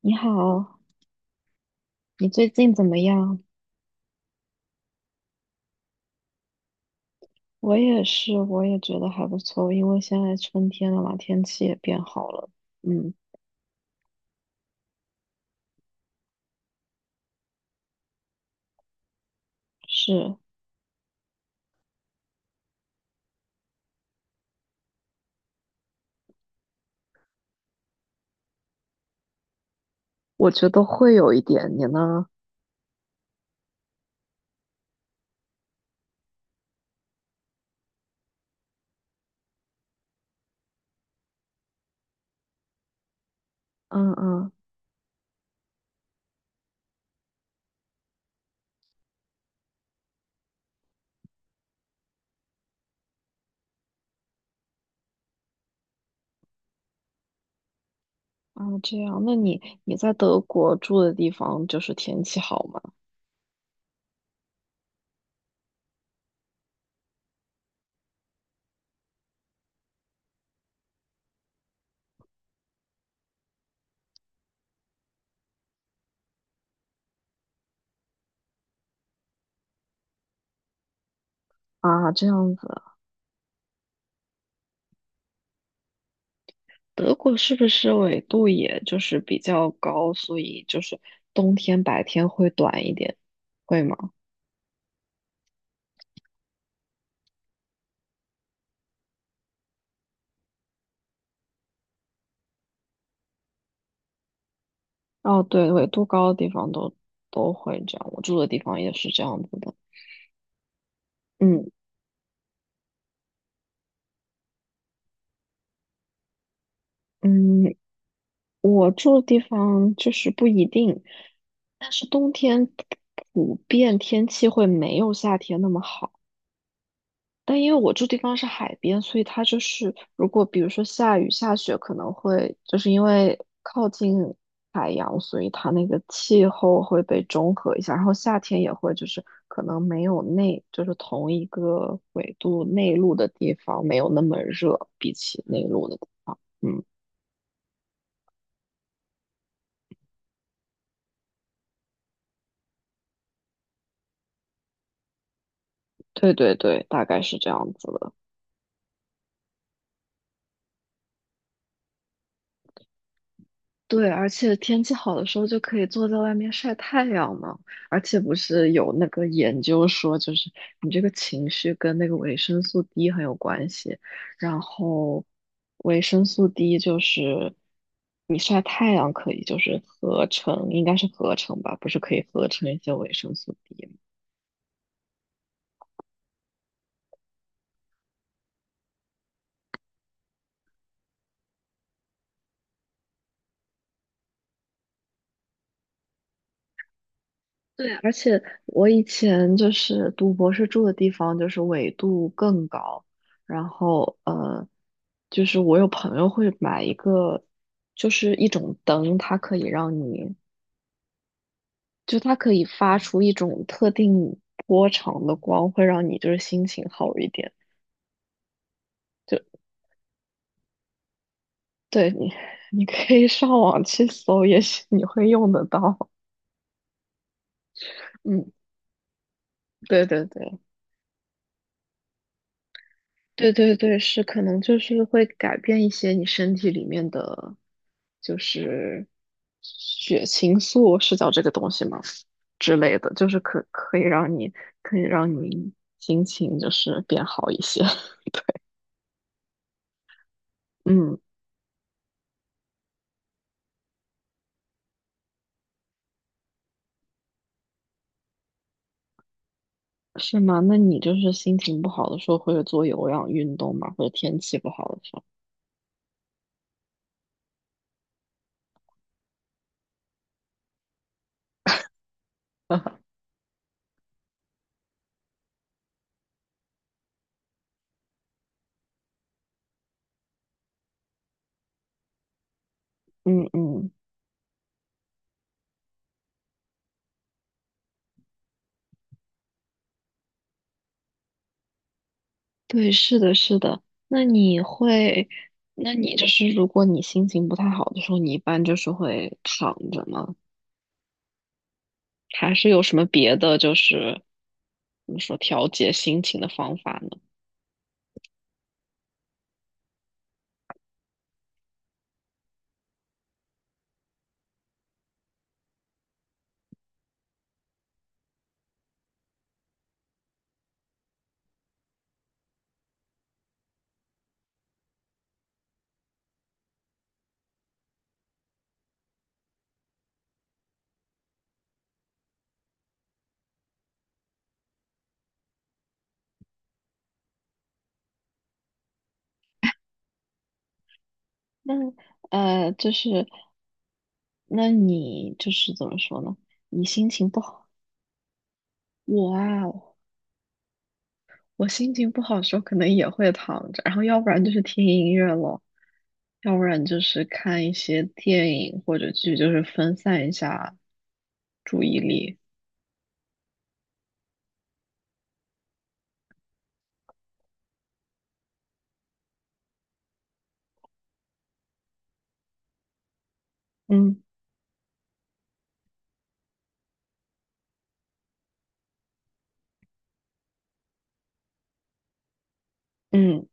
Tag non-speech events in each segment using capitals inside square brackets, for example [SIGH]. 你好，你最近怎么样？我也是，我也觉得还不错，因为现在春天了嘛，天气也变好了。嗯，是，我觉得会有一点，你呢？嗯嗯，啊，这样。那你在德国住的地方，就是天气好吗？啊，这样子，德国是不是纬度也就是比较高，所以就是冬天白天会短一点，会吗？哦，对，纬度高的地方都会这样，我住的地方也是这样子的。嗯嗯，我住的地方就是不一定，但是冬天普遍天气会没有夏天那么好。但因为我住地方是海边，所以它就是如果比如说下雨下雪，可能会就是因为靠近海洋，所以它那个气候会被中和一下。然后夏天也会就是可能没有就是同一个纬度内陆的地方没有那么热，比起内陆的地方，嗯。对对对，大概是这样子的。对，而且天气好的时候就可以坐在外面晒太阳嘛。而且不是有那个研究说，就是你这个情绪跟那个维生素 D 很有关系。然后维生素 D 就是你晒太阳可以，就是合成，应该是合成吧，不是可以合成一些维生素 D。 对，而且我以前就是读博士住的地方，就是纬度更高，然后就是我有朋友会买一个，就是一种灯，它可以让你，就它可以发出一种特定波长的光，会让你就是心情好一点。就对你，[LAUGHS] 你可以上网去搜，也许你会用得到。嗯，对对对。对对对，是可能就是会改变一些你身体里面的，就是血清素是叫这个东西吗？之类的，就是可以让你心情就是变好一些。[LAUGHS] 嗯，是吗？那你就是心情不好的时候会做有氧运动吗？或者天气不好的时候？嗯嗯，对，是的，是的。那你会，那你就是如果你心情不太好的时候，你一般就是会躺着吗？还是有什么别的，就是怎么说调节心情的方法呢？那就是你就是怎么说呢？你心情不好，我啊，我心情不好的时候，可能也会躺着，然后要不然就是听音乐咯，要不然就是看一些电影或者剧，就是分散一下注意力。嗯嗯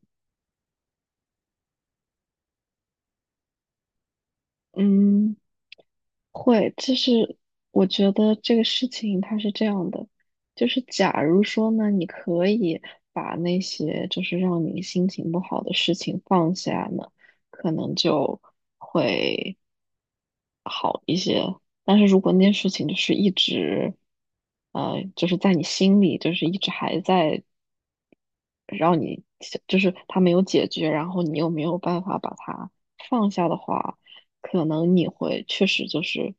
嗯。会，就是我觉得这个事情它是这样的，就是假如说呢，你可以把那些就是让你心情不好的事情放下呢，可能就会好一些。但是如果那件事情就是一直，就是在你心里，就是一直还在让你就是他没有解决，然后你又没有办法把它放下的话，可能你会确实就是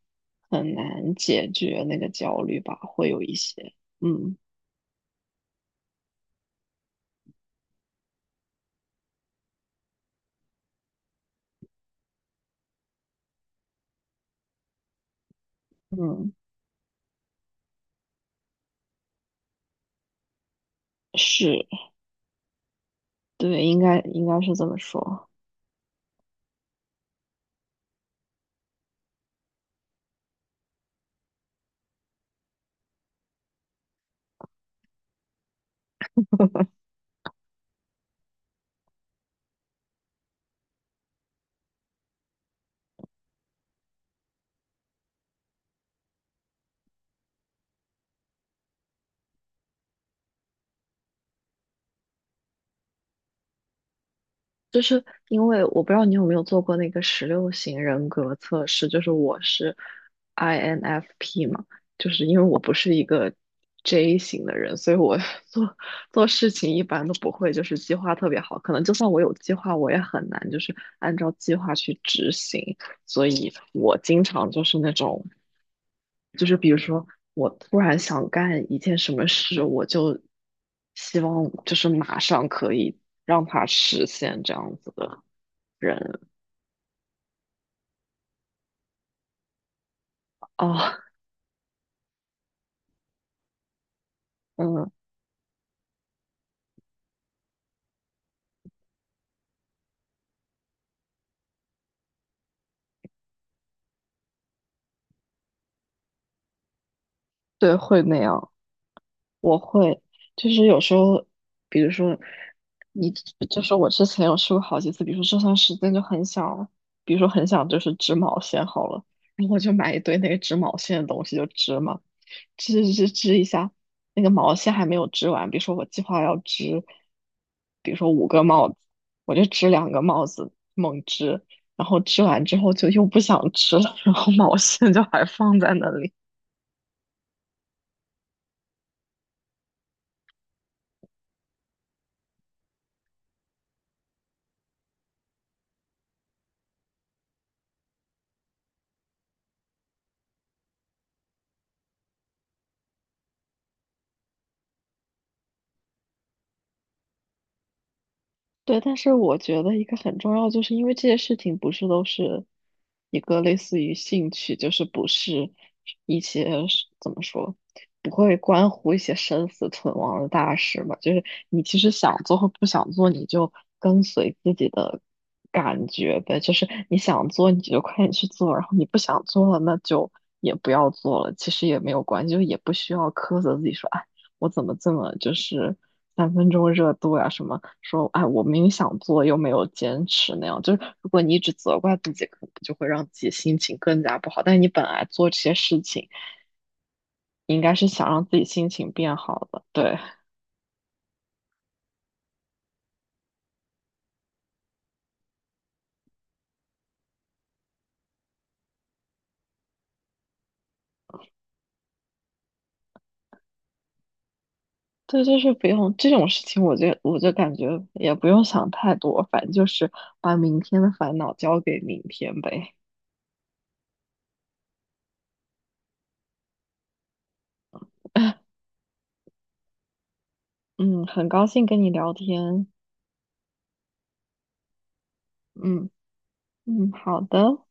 很难解决那个焦虑吧，会有一些，嗯嗯，是，对，应该是这么说。就是因为我不知道你有没有做过那个16型人格测试，就是我是 INFP 嘛，就是因为我不是一个 J 型的人，所以我 [LAUGHS] 做做事情一般都不会就是计划特别好，可能就算我有计划，我也很难就是按照计划去执行，所以我经常就是那种，就是比如说我突然想干一件什么事，我就希望就是马上可以让它实现这样子的。人啊，嗯，对，会那样，我会，就是有时候，比如说，你就是我之前有试过好几次，比如说这段时间就很想，比如说很想就是织毛线好了，然后我就买一堆那个织毛线的东西就织嘛，织一下，那个毛线还没有织完，比如说我计划要织，比如说五个帽子，我就织两个帽子，猛织。然后织完之后就又不想织了，然后毛线就还放在那里。对，但是我觉得一个很重要，就是因为这些事情不是都是一个类似于兴趣，就是不是一些是怎么说，不会关乎一些生死存亡的大事嘛。就是你其实想做或不想做，你就跟随自己的感觉呗。就是你想做，你就快点去做；然后你不想做了，那就也不要做了。其实也没有关系，就也不需要苛责自己说。啊，我怎么这么就是三分钟热度呀、什么说哎，我明明想做又没有坚持那样。就是如果你一直责怪自己，可能就会让自己心情更加不好。但是你本来做这些事情，你应该是想让自己心情变好的。对对，就是不用这种事情，我就感觉也不用想太多，反正就是把明天的烦恼交给明天呗。[LAUGHS] 嗯，很高兴跟你聊天。嗯嗯，好的。